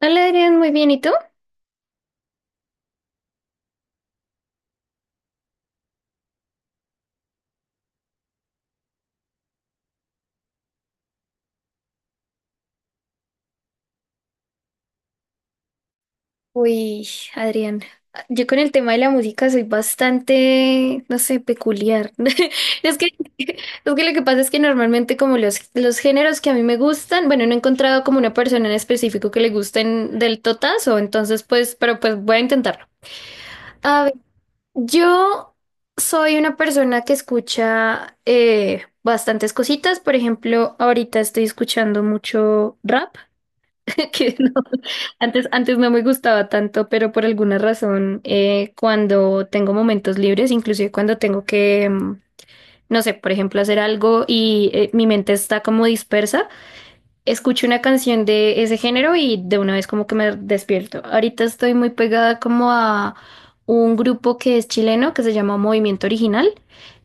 Hola Adrián, muy bien, ¿y tú? Uy, Adrián, yo con el tema de la música soy bastante, no sé, peculiar. Es que, es que lo que pasa es que normalmente como los géneros que a mí me gustan, bueno, no he encontrado como una persona en específico que le gusten del totazo, entonces pues, pero pues voy a intentarlo. A ver, yo soy una persona que escucha bastantes cositas, por ejemplo, ahorita estoy escuchando mucho rap. Que no, antes no me gustaba tanto, pero por alguna razón, cuando tengo momentos libres, inclusive cuando tengo que, no sé, por ejemplo, hacer algo y mi mente está como dispersa, escucho una canción de ese género y de una vez como que me despierto. Ahorita estoy muy pegada como a un grupo que es chileno que se llama Movimiento Original.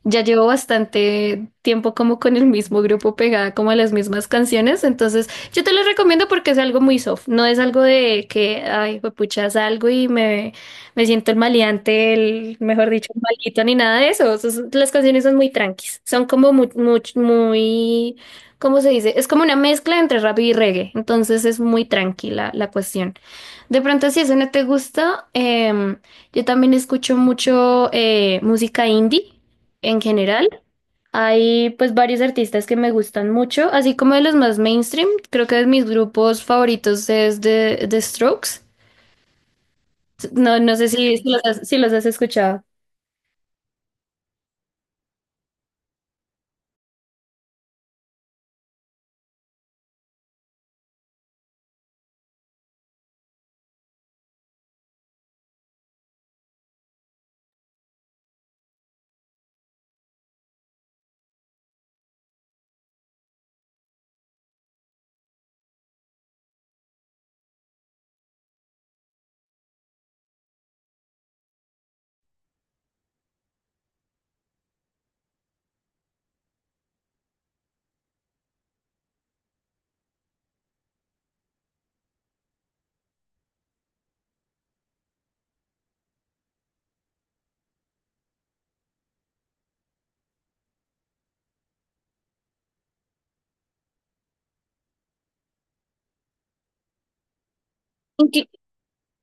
Ya llevo bastante tiempo como con el mismo grupo pegada como a las mismas canciones, entonces yo te lo recomiendo porque es algo muy soft, no es algo de que, ay, pucha, salgo y me siento el maleante, el, mejor dicho, el maldito, ni nada de eso. Las canciones son muy tranquis, son como muy, muy, muy… ¿Cómo se dice? Es como una mezcla entre rap y reggae, entonces es muy tranquila la cuestión. De pronto, si eso no te gusta, yo también escucho mucho música indie en general. Hay pues varios artistas que me gustan mucho, así como de los más mainstream. Creo que de mis grupos favoritos es The Strokes. No, no sé si los has, si los has escuchado.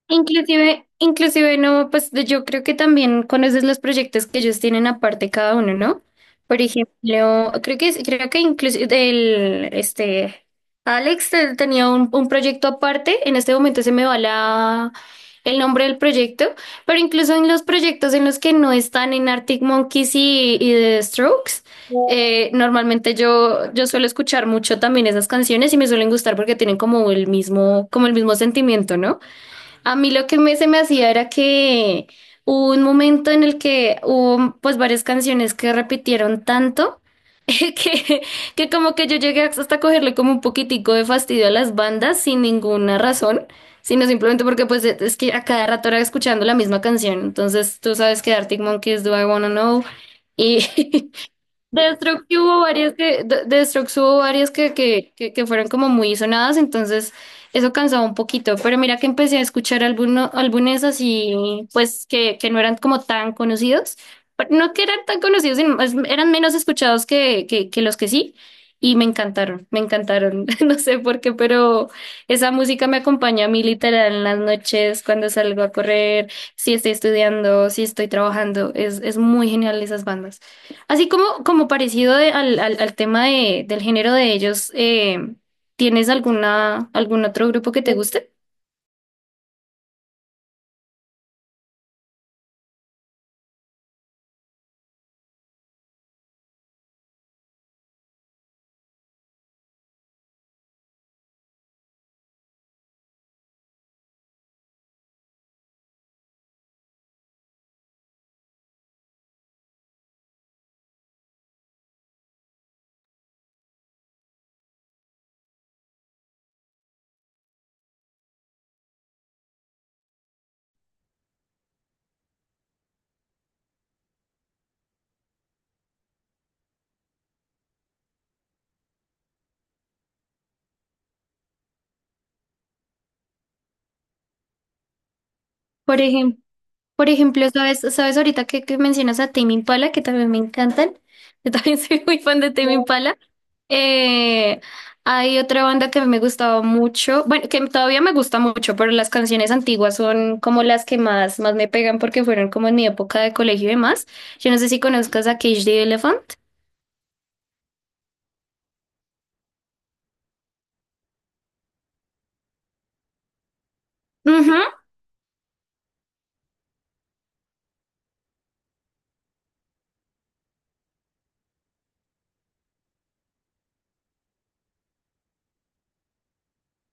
Inclusive no, pues yo creo que también conoces los proyectos que ellos tienen aparte cada uno, ¿no? Por ejemplo, creo que incluso el este Alex tenía un proyecto aparte, en este momento se me va la el nombre del proyecto, pero incluso en los proyectos en los que no están en Arctic Monkeys y The Strokes, normalmente yo suelo escuchar mucho también esas canciones y me suelen gustar porque tienen como el mismo sentimiento, ¿no? A mí lo que se me hacía era que hubo un momento en el que hubo pues varias canciones que repitieron tanto que, que como que yo llegué hasta cogerle como un poquitico de fastidio a las bandas sin ninguna razón, sino simplemente porque pues es que a cada rato era escuchando la misma canción. Entonces tú sabes que Arctic Monkeys, Do I Wanna Know? Y de Strokes sí hubo varias que, de Strokes hubo varias que fueron como muy sonadas, entonces eso cansaba un poquito. Pero mira que empecé a escuchar algunos álbumes así, pues que no eran como tan conocidos. Pero no que eran tan conocidos, sino eran menos escuchados que los que sí. Y me encantaron, me encantaron. No sé por qué, pero esa música me acompaña a mí literal en las noches, cuando salgo a correr, si estoy estudiando, si estoy trabajando. Es muy genial esas bandas. Así como, como parecido al tema de, del género de ellos, ¿tienes alguna, algún otro grupo que te guste? Por ejemplo, por ejemplo, sabes ahorita que mencionas a Tame Impala, que también me encantan. Yo también soy muy fan de Tame Impala. Eh, hay otra banda que a mí me gustaba mucho, bueno, que todavía me gusta mucho, pero las canciones antiguas son como las que más me pegan porque fueron como en mi época de colegio y demás. Yo no sé si conozcas a Cage the Elephant. Ujú.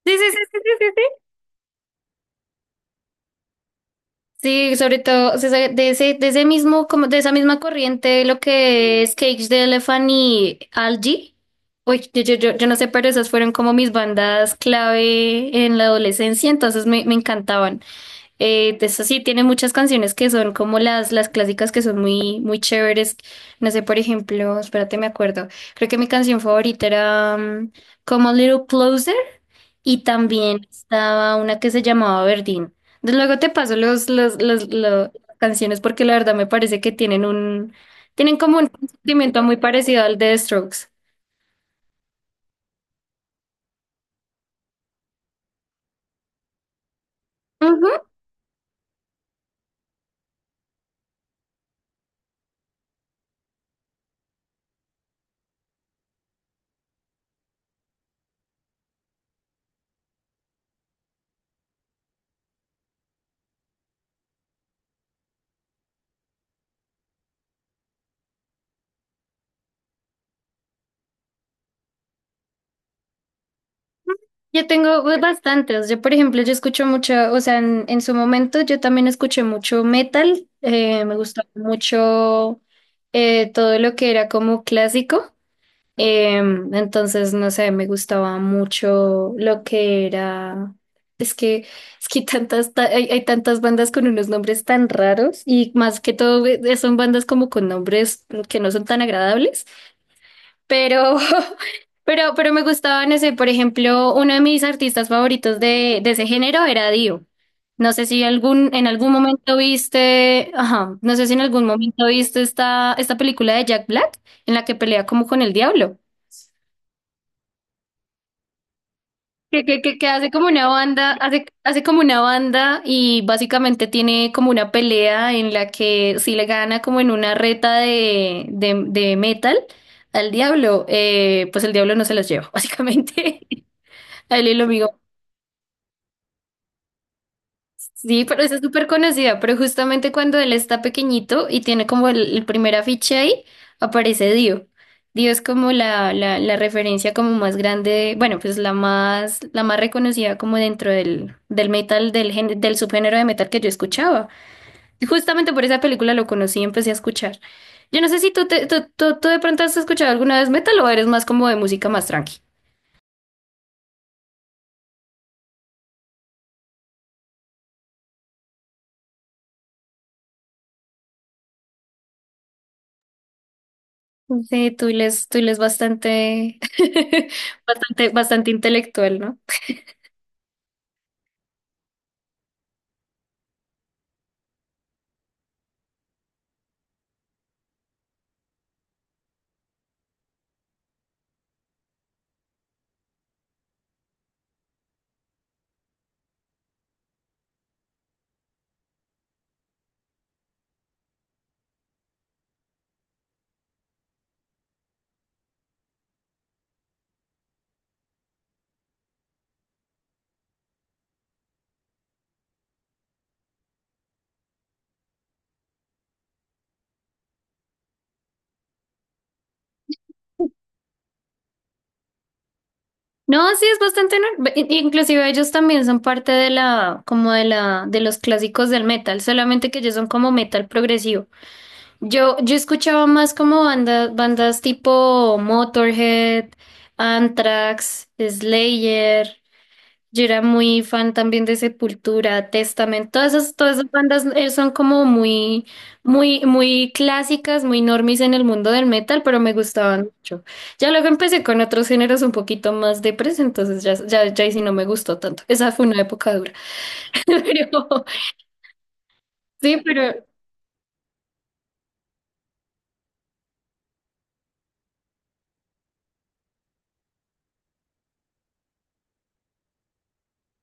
Sí, sí, sí, sí, sí, sí, sí. Sí, sobre todo o sea, de ese mismo, como de esa misma corriente, lo que es Cage the Elephant y Algie. Uy, yo no sé, pero esas fueron como mis bandas clave en la adolescencia, entonces me encantaban. De eso sí, tiene muchas canciones que son como las clásicas que son muy, muy chéveres. No sé, por ejemplo, espérate, me acuerdo. Creo que mi canción favorita era Come a Little Closer. Y también estaba una que se llamaba Verdín. Luego te paso las canciones porque la verdad me parece que tienen un, tienen como un sentimiento muy parecido al de Strokes. Ujú. Yo tengo pues, bastantes. Yo, por ejemplo, yo escucho mucho, o sea, en su momento yo también escuché mucho metal. Eh, me gustaba mucho todo lo que era como clásico. Em, entonces, no sé, me gustaba mucho lo que era. Es que, es que hay tantas, hay, hay tantas bandas con unos nombres tan raros y más que todo son bandas como con nombres que no son tan agradables, pero, pero me gustaban ese. Por ejemplo, uno de mis artistas favoritos de ese género era Dio. No sé si algún, en algún momento viste, ajá, no sé si en algún momento viste esta película de Jack Black en la que pelea como con el diablo. Que hace como una banda, hace como una banda y básicamente tiene como una pelea en la que si le gana como en una reta de metal al diablo, pues el diablo no se las lleva, básicamente. A él y lo Sí, pero esa es súper conocida, pero justamente cuando él está pequeñito y tiene como el primer afiche ahí, aparece Dio. Dio es como la referencia como más grande, bueno, pues la más reconocida como dentro del, del metal, del subgénero de metal que yo escuchaba. Y justamente por esa película lo conocí y empecé a escuchar. Yo no sé si tú, te- tú de pronto has escuchado alguna vez metal o eres más como de música más tranqui. Sí, tú les bastante, bastante intelectual, ¿no? No, sí, es bastante normal. Inclusive ellos también son parte de la, como de la, de los clásicos del metal, solamente que ellos son como metal progresivo. Yo escuchaba más como bandas tipo Motorhead, Anthrax, Slayer. Yo era muy fan también de Sepultura, Testament, todas esas bandas son como muy clásicas, muy normis en el mundo del metal, pero me gustaban mucho. Ya luego empecé con otros géneros un poquito más depres, entonces ya ahí sí no me gustó tanto. Esa fue una época dura. Pero, sí, pero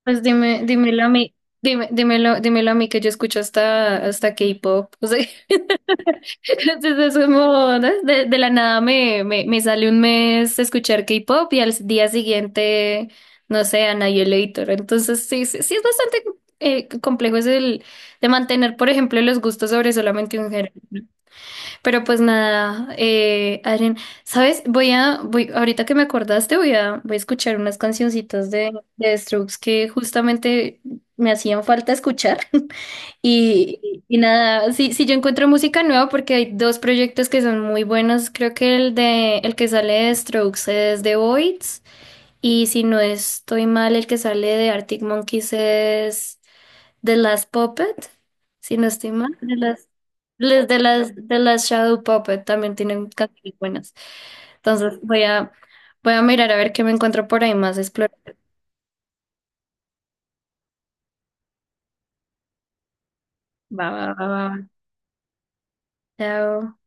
pues dime, dímelo a mí, dímelo a mí que yo escucho hasta K-pop. O sea, entonces es como, ¿no? De la nada me sale un mes escuchar K-pop y al día siguiente, no sé, Annihilator. Entonces sí es bastante complejo es el de mantener, por ejemplo, los gustos sobre solamente un género. Pero pues nada, Adrián, ¿sabes? Ahorita que me acordaste, voy a escuchar unas cancioncitas de Strokes que justamente me hacían falta escuchar. Y, y nada, si yo encuentro música nueva, porque hay dos proyectos que son muy buenos, creo que el de el que sale de Strokes es The Voids, y si no estoy mal, el que sale de Arctic Monkeys es The Last Puppet, si no estoy mal, de las les- de las Shadow Puppet también tienen canciones buenas. Entonces voy a mirar a ver qué me encuentro por ahí más explorar. Va. Chao.